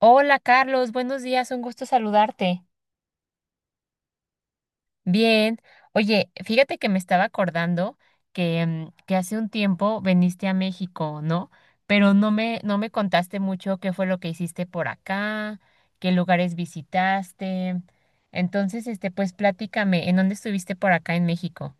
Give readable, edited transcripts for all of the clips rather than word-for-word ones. Hola Carlos, buenos días, un gusto saludarte. Bien, oye, fíjate que me estaba acordando que hace un tiempo viniste a México, ¿no? Pero no me contaste mucho qué fue lo que hiciste por acá, qué lugares visitaste. Entonces, este, pues platícame, ¿en dónde estuviste por acá en México?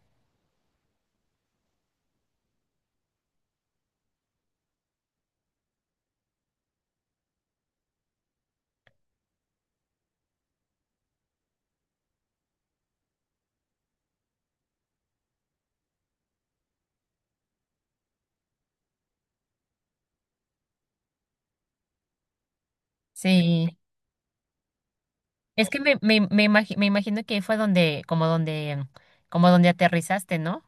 Sí, es que me imagino que fue donde, como donde, mm, como donde aterrizaste, ¿no?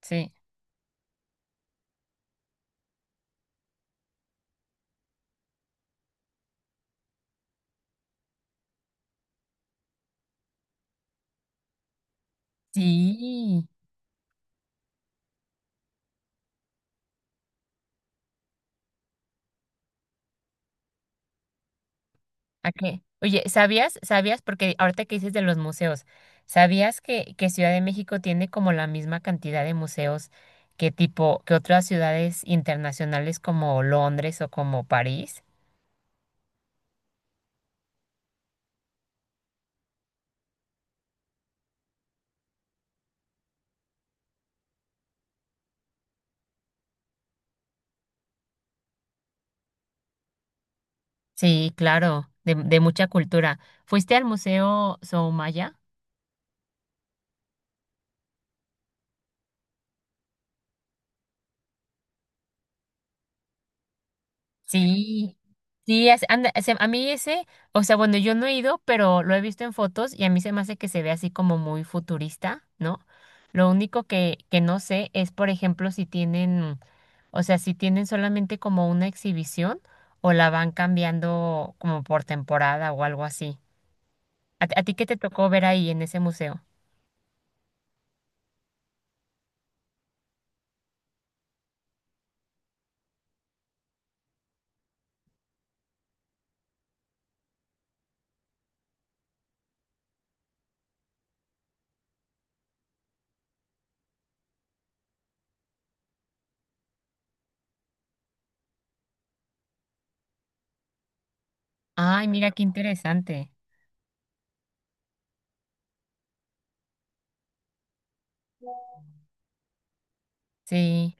Sí. Sí. ¿A qué? Oye, ¿sabías? ¿Sabías? Porque ahorita que dices de los museos, ¿sabías que Ciudad de México tiene como la misma cantidad de museos que otras ciudades internacionales como Londres o como París? Sí, claro, de mucha cultura. ¿Fuiste al Museo Soumaya? Sí, a mí ese, o sea, bueno, yo no he ido, pero lo he visto en fotos y a mí se me hace que se ve así como muy futurista, ¿no? Lo único que no sé es, por ejemplo, si tienen. O sea, si tienen solamente como una exhibición o la van cambiando como por temporada o algo así. ¿A ti qué te tocó ver ahí en ese museo? Ay, mira qué interesante. Sí.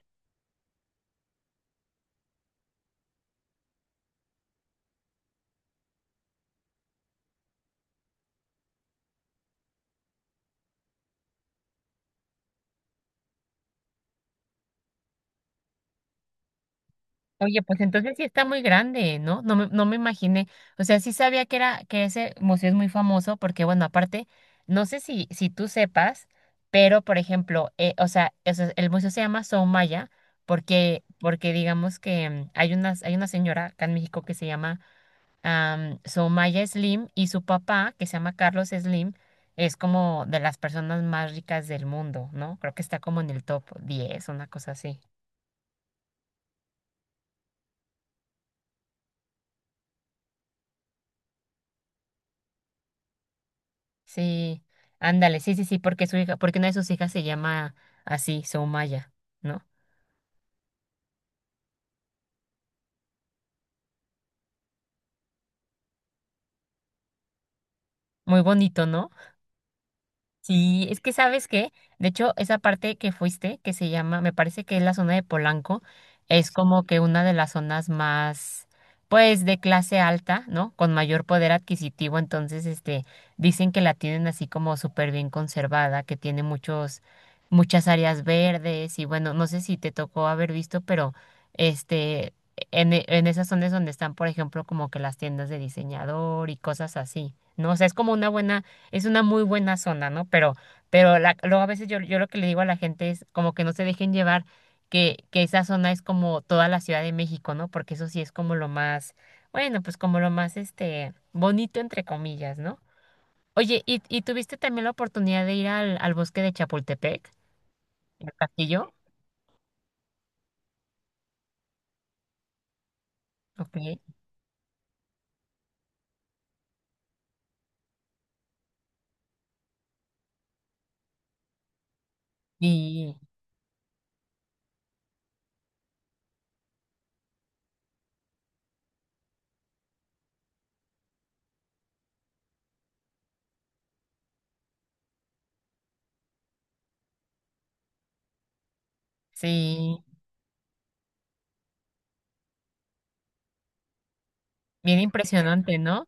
Oye, pues entonces sí está muy grande, ¿no? No me imaginé. O sea, sí sabía que era, que ese museo es muy famoso porque, bueno, aparte, no sé si tú sepas, pero por ejemplo, o sea, el museo se llama Soumaya porque digamos que hay una señora acá en México que se llama Soumaya Slim y su papá, que se llama Carlos Slim, es como de las personas más ricas del mundo, ¿no? Creo que está como en el top 10 una cosa así. Sí, ándale, sí, sí, sí, porque su hija, porque una de sus hijas se llama así, Soumaya, ¿no? Muy bonito, ¿no? Sí, es que sabes que, de hecho, esa parte que fuiste, que se llama, me parece que es la zona de Polanco, es como que una de las zonas más, pues, de clase alta, ¿no? Con mayor poder adquisitivo, entonces, este, dicen que la tienen así como súper bien conservada, que tiene muchas áreas verdes y bueno, no sé si te tocó haber visto, pero, este, en esas zonas donde están, por ejemplo, como que las tiendas de diseñador y cosas así, ¿no? O sea, es una muy buena zona, ¿no? Pero, luego a veces yo lo que le digo a la gente es como que no se dejen llevar que esa zona es como toda la Ciudad de México, ¿no? Porque eso sí es como lo más, bueno, pues como lo más este bonito entre comillas, ¿no? Oye, ¿y tuviste también la oportunidad de ir al bosque de Chapultepec, el castillo? Ok. Y sí, bien impresionante, ¿no?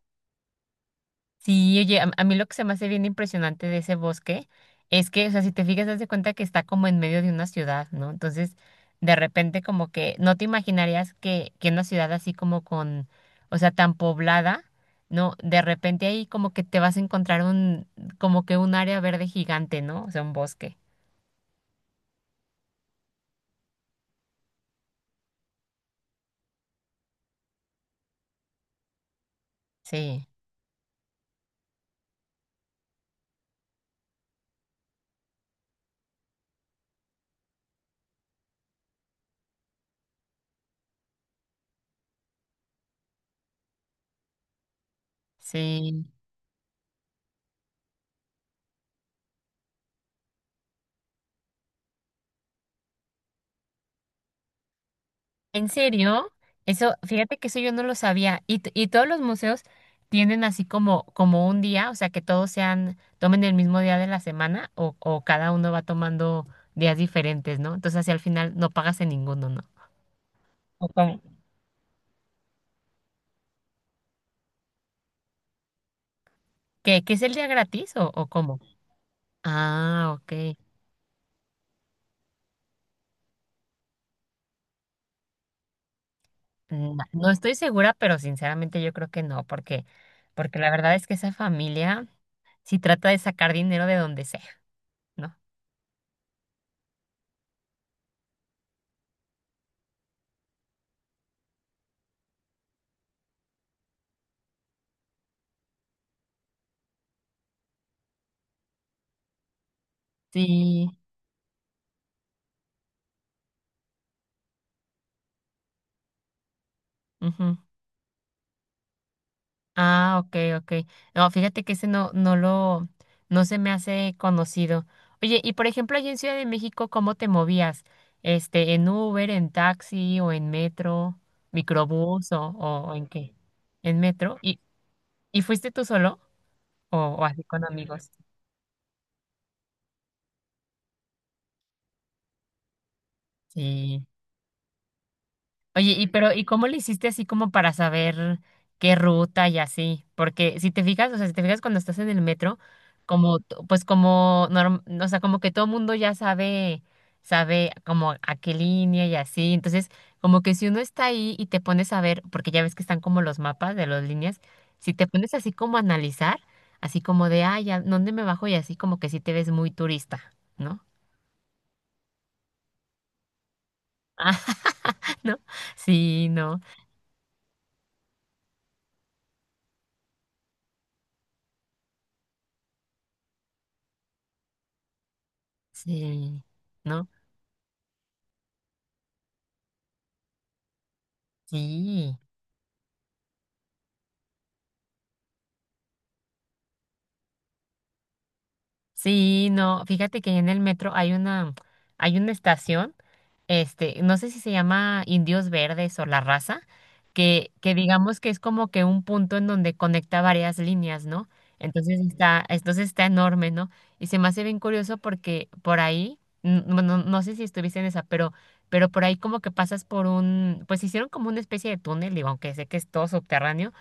Sí, oye, a mí lo que se me hace bien impresionante de ese bosque es que, o sea, si te fijas, haz de cuenta que está como en medio de una ciudad, ¿no? Entonces, de repente como que no te imaginarías que una ciudad así como con, o sea, tan poblada, ¿no? De repente ahí como que te vas a encontrar un, como que un área verde gigante, ¿no? O sea, un bosque. Sí, sí. ¿En serio? Eso, fíjate que eso yo no lo sabía. Y, y todos los museos tienen así como, como un día, o sea, que todos sean, tomen el mismo día de la semana o cada uno va tomando días diferentes, ¿no? Entonces, así al final no pagas en ninguno, ¿no? ¿O cómo? ¿Qué es el día gratis o cómo? Ah, ok. Mm, no estoy segura, pero sinceramente yo creo que no, porque, porque la verdad es que esa familia sí trata de sacar dinero de donde sea, ¿no? Sí. Ujú. Ah, ok, ok. No, fíjate que ese no se me hace conocido. Oye, y por ejemplo, allí en Ciudad de México, ¿cómo te movías? Este, ¿en Uber, en taxi o en metro, microbús o en qué? ¿En metro? Y fuiste tú solo o así con amigos? Sí. Oye, y pero, ¿y cómo le hiciste así como para saber qué ruta y así? Porque si te fijas, o sea, si te fijas cuando estás en el metro, como, pues como, o sea, como que todo mundo ya sabe, sabe como a qué línea y así. Entonces, como que si uno está ahí y te pones a ver, porque ya ves que están como los mapas de las líneas, si te pones así como a analizar, así como de, ay, ¿a dónde me bajo? Y así como que sí te ves muy turista, ¿no? Ah, ¿no? Sí, no, sí, ¿no? Sí. Sí, no, fíjate que en el metro hay una estación este, no sé si se llama Indios Verdes o la raza, que digamos que es como que un punto en donde conecta varias líneas, ¿no? Entonces está enorme, ¿no? Y se me hace bien curioso porque por ahí, no sé si estuviste en esa, pero por ahí como que pasas por un, pues hicieron como una especie de túnel, digo, aunque sé que es todo subterráneo,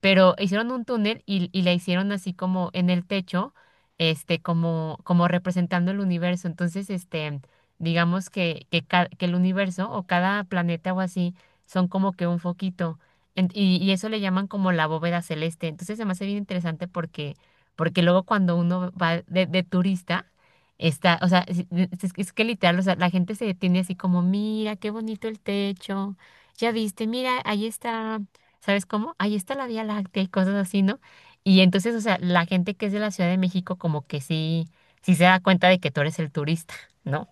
pero hicieron un túnel y la hicieron así como en el techo, este, como, como representando el universo. Entonces, este, digamos que el universo o cada planeta o así son como que un foquito. Y eso le llaman como la bóveda celeste. Entonces se me hace bien interesante porque, porque luego cuando uno va de turista, está, o sea, es que literal, o sea, la gente se detiene así como, mira, qué bonito el techo, ya viste, mira, ahí está, ¿sabes cómo? Ahí está la Vía Láctea y cosas así, ¿no? Y entonces, o sea, la gente que es de la Ciudad de México como que sí, sí se da cuenta de que tú eres el turista, ¿no?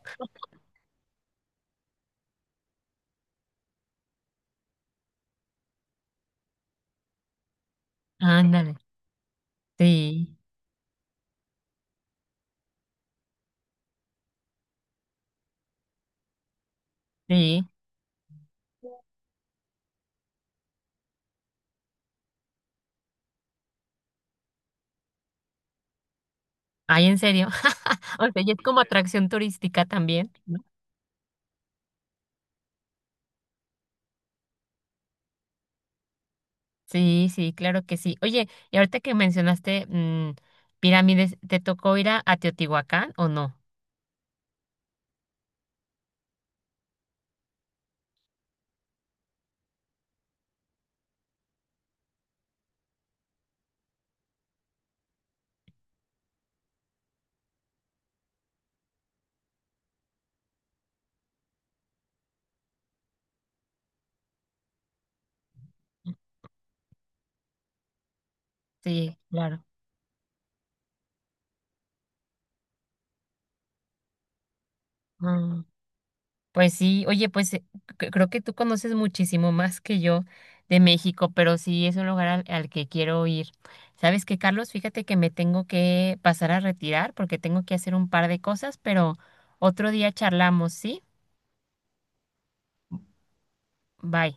Ándale, sí, sí. Ay, en serio. O sea, y es como atracción turística también, ¿no? Sí, sí, claro que sí. Oye, y ahorita que mencionaste pirámides, ¿te tocó ir a Teotihuacán o no? Sí, claro. Mm, pues sí, oye, creo que tú conoces muchísimo más que yo de México, pero sí es un lugar al que quiero ir. ¿Sabes qué, Carlos? Fíjate que me tengo que pasar a retirar porque tengo que hacer un par de cosas, pero otro día charlamos, ¿sí? Bye.